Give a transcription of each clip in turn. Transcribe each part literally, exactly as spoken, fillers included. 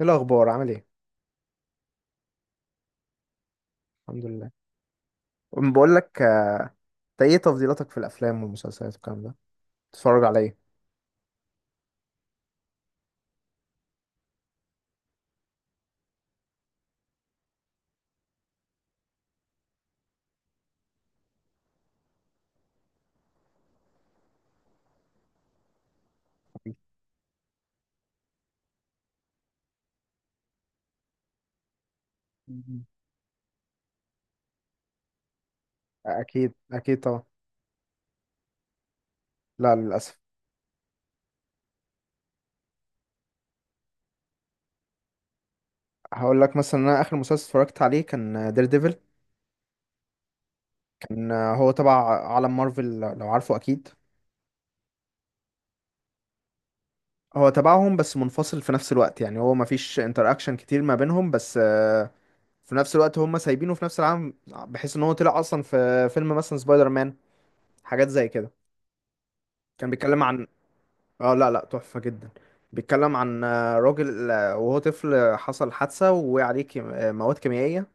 ايه الاخبار؟ عامل ايه؟ الحمد لله. أم بقول لك، آه، انت ايه تفضيلاتك في الافلام والمسلسلات والكلام ده؟ تتفرج على ايه؟ مم. اكيد اكيد طبعا. لا للاسف. هقول لك مثلا، انا اخر مسلسل اتفرجت عليه كان دير ديفل. كان، آه، هو تبع عالم مارفل لو عارفه اكيد. هو تبعهم بس منفصل في نفس الوقت، يعني هو مفيش انتراكشن كتير ما بينهم، بس آه، في نفس الوقت هم سايبينه في نفس العالم، بحيث ان هو طلع اصلا في فيلم مثلا سبايدر مان، حاجات زي كده. كان بيتكلم عن، اه لا لا، تحفة جدا. بيتكلم عن، آه، راجل، آه، وهو طفل آه، حصل حادثة ووقع عليه كيم- آه، مواد كيميائية،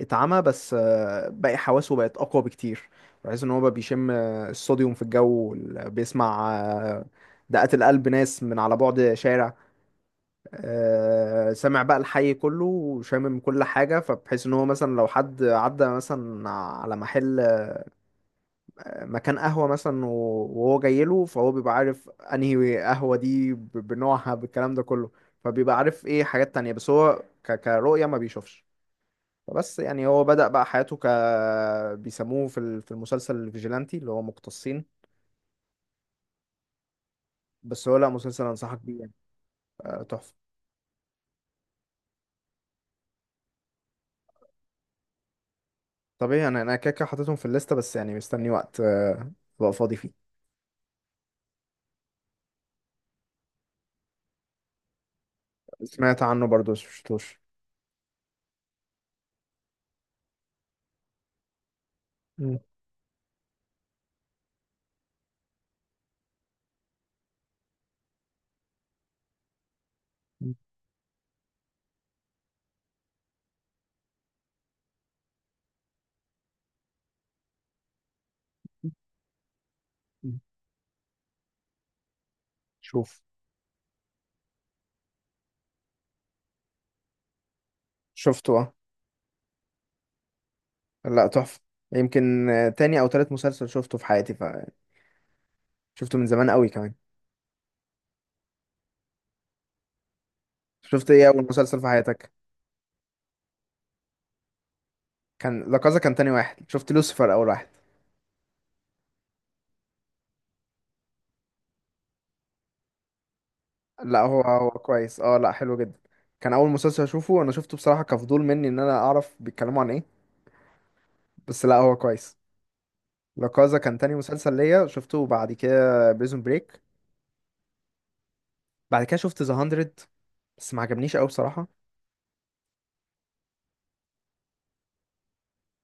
اتعمى، بس آه، باقي حواسه بقت أقوى بكتير، بحيث إن هو بقى بيشم آه، الصوديوم في الجو وال- بيسمع آه، دقات القلب ناس من على بعد شارع. آه، سامع بقى الحي كله وشامم كل حاجة، فبحيث إن هو مثلا لو حد عدى مثلا على محل، مكان قهوة مثلا و- وهو جاي له، فهو بيبقى عارف انهي قهوة دي ب- بنوعها بالكلام ده كله. فبيبقى عارف ايه حاجات تانية، بس هو ك... كرؤية ما بيشوفش. فبس يعني هو بدأ بقى حياته ك، بيسموه في ال- في المسلسل الفيجيلانتي اللي هو مقتصين. بس هو لا، مسلسل انصحك بيه يعني. آه، تحفة. طب ايه، انا انا كده كده حاططهم في الليستة، بس يعني مستني وقت آه، ابقى فاضي فيه. سمعت عنه برضه بس مشفتوش. مم. مم. شوف. شفته اه. لا تحفة. يمكن آه، تاني او تالت مسلسل شفته في حياتي، فشفته من زمان قوي كمان. شفت ايه؟ اول مسلسل في حياتك كان لا كازا. كان تاني واحد شفت. لوسيفر اول واحد. لا هو هو كويس، اه لا حلو جدا. كان اول مسلسل اشوفه، انا شفته بصراحة كفضول مني ان انا اعرف بيتكلموا عن ايه. بس لا هو كويس. لا كازا كان تاني مسلسل ليا شفته، بعد كده بريزون بريك. بعد كده شفت ذا مية، بس ما عجبنيش قوي بصراحة.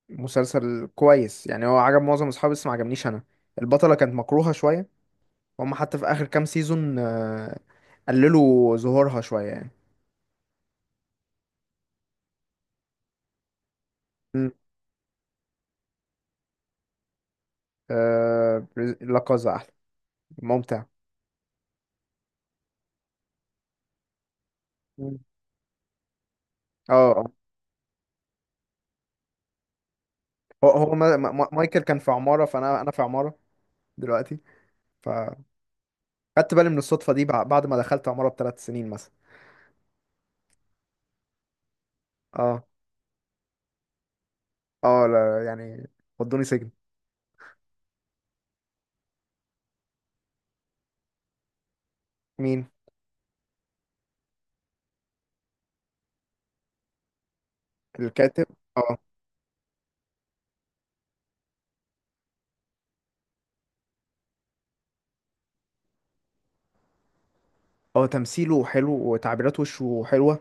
مسلسل كويس يعني، هو عجب معظم اصحابي بس ما عجبنيش انا. البطلة كانت مكروهة شوية. هم حتى في اخر كام سيزون آه، قللوا ظهورها شويه يعني. مم. آه، لا كازا احلى، ممتع. مم. اه آه. هو هو ما- ما- ما- مايكل كان في عماره، فانا انا في عماره دلوقتي. فخدت بالي من الصدفه دي بع- بعد ما دخلت عماره بثلاث سنين مثلا. اه. اه لا يعني، ودوني سجن. مين؟ الكاتب. اه. هو تمثيله حلو وتعبيرات وشه حلوه.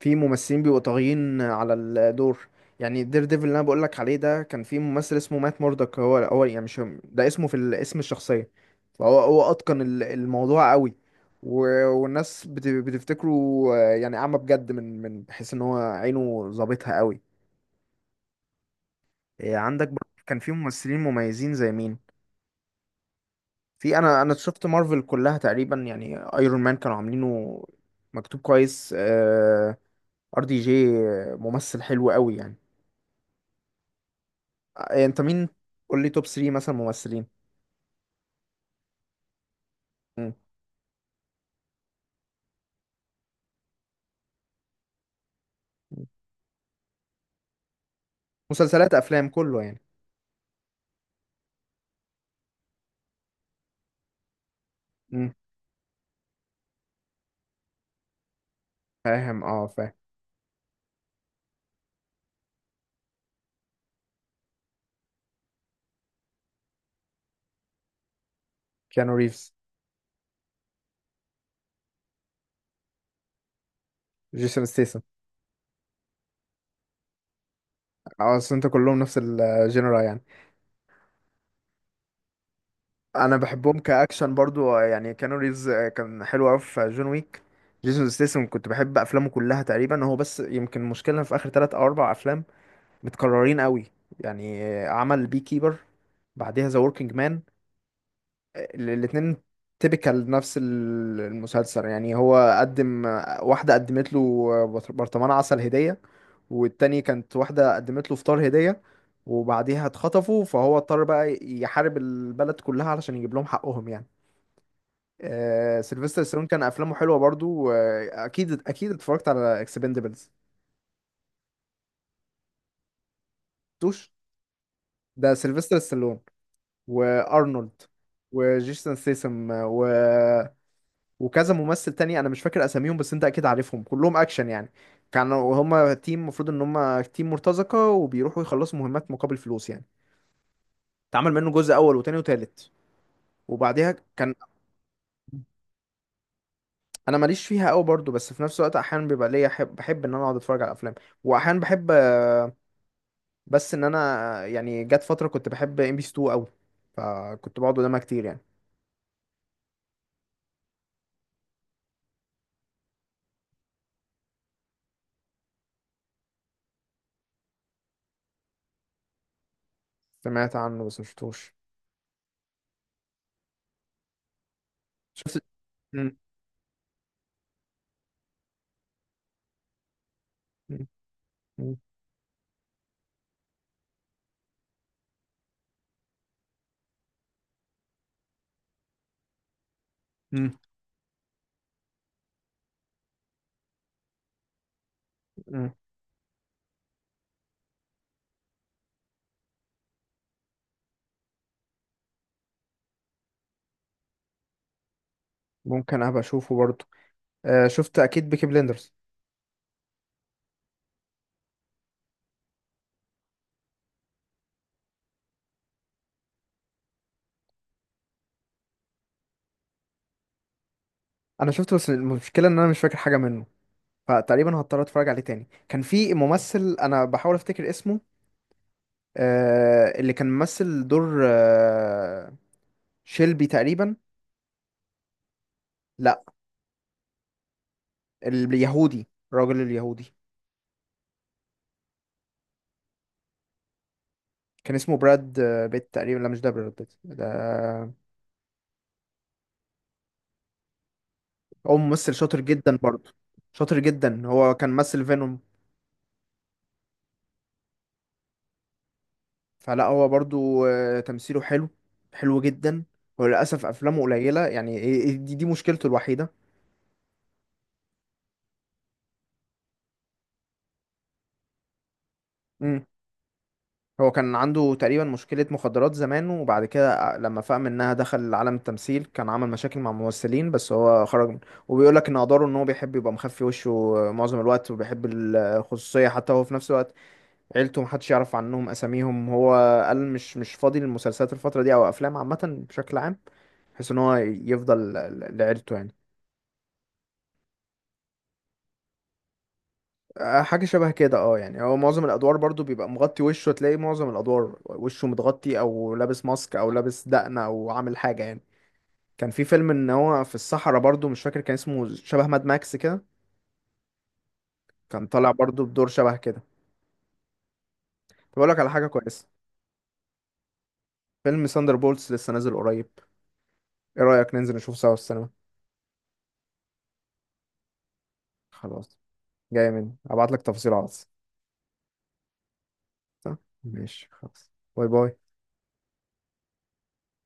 في ممثلين بيبقوا طاغيين على الدور. يعني دير ديفل اللي انا بقول لك عليه ده، كان في ممثل اسمه مات موردك، هو هو يعني مش ده اسمه في ال- اسم الشخصيه. فهو هو اتقن ال- الموضوع قوي، و- والناس بت- بتفتكره آه، يعني اعمى بجد، من من بحيث ان هو عينه ظابطها قوي. آه، عندك برضه كان في ممثلين مميزين زي مين؟ في، انا انا شفت مارفل كلها تقريبا يعني، ايرون مان كانوا عاملينه مكتوب كويس. ار دي جي ممثل حلو قوي يعني. آه، انت مين؟ قول لي توب تلاتة مثلا ممثلين. مم. مسلسلات افلام كله يعني. مم. فاهم اه فاهم. كيانو ريفز. جيسون ستيسن. اه اصل انت كلهم نفس الجنرا يعني. انا بحبهم كاكشن برضو، آه، يعني كيانو ريفز، آه، كان حلو قوي في جون ويك. جيسون ستيسن كنت بحب افلامه كلها تقريبا هو، بس يمكن مشكلة في اخر ثلاث او اربع افلام متكررين قوي. يعني آه، عمل بي كيبر، بعدها ذا وركينج مان. ال- الاتنين تيبيكال نفس ال- المسلسل يعني. هو قدم، واحدة قدمت له بط- برطمان عسل هدية، والتاني كانت واحدة قدمت له فطار هدية، وبعديها اتخطفوا فهو اضطر بقى يحارب البلد كلها علشان يجيب لهم حقهم يعني. آه سيلفستر ستالون كان افلامه حلوه برضو آه، اكيد اكيد اتفرجت على اكسبندبلز توش. ده سيلفستر ستالون وارنولد وجيسون سيسم وكذا ممثل تاني انا مش فاكر اساميهم، بس انت اكيد عارفهم، كلهم اكشن يعني. كانوا هما تيم، المفروض ان هما تيم مرتزقة وبيروحوا يخلصوا مهمات مقابل فلوس يعني. اتعمل منه جزء اول وتاني وتالت وبعديها كان، انا ماليش فيها قوي برضو، بس في نفس الوقت احيانا بيبقى ليا حب... بحب ان انا اقعد اتفرج على افلام. واحيانا بحب، بس ان انا يعني جت فترة كنت بحب ام بي سي اتنين قوي، فكنت بقعد قدامها كتير يعني. سمعت عنه بس مشفتوش. شفت. مم. مم. مم. مم. ممكن ابقى اشوفه برضو. آه، شفت اكيد بيكي بليندرز. انا شفته، بس المشكله ان انا مش فاكر حاجه منه، فتقريبا هضطر اتفرج عليه تاني. كان في ممثل انا بحاول افتكر اسمه، آه، اللي كان ممثل دور آه شيلبي تقريبا. لا، اليهودي، الراجل اليهودي. كان اسمه براد، آه، بيت تقريبا. لا مش ده، براد بيت ده. هو ممثل شاطر جدا برضه، شاطر جدا. هو كان ممثل فينوم. فلا هو برضه آه، تمثيله حلو، حلو جدا. وللاسف افلامه قليله يعني، إيه- إيه- دي, دي مشكلته الوحيده. هو كان عنده تقريبا مشكلة مخدرات زمان، وبعد كده لما فاق منها دخل عالم التمثيل، كان عمل مشاكل مع ممثلين بس هو خرج من، وبيقول لك ان اقداره ان هو بيحب يبقى مخفي وشه معظم الوقت، وبيحب الخصوصية حتى هو في نفس الوقت. عيلته محدش يعرف عنهم اساميهم. هو قال مش مش فاضي للمسلسلات الفترة دي او افلام عامة بشكل عام، بحيث ان هو يفضل ل- لعيلته يعني. آه، حاجة شبه كده اه. يعني هو معظم الأدوار برضو بيبقى مغطي وشه، تلاقي معظم الأدوار وشه متغطي أو لابس ماسك أو لابس دقنة أو عامل حاجة يعني. كان في فيلم ان هو في الصحراء برضو، مش فاكر كان اسمه، شبه ماد ماكس كده، كان طالع برضو بدور شبه كده. طب اقول لك على حاجه كويسه، فيلم ساندر بولتس لسه نازل قريب. ايه رايك ننزل نشوفه سوا في السينما؟ خلاص، جاي مني، ابعت لك تفاصيل على الواتس. صح؟ ماشي خلاص. باي باي.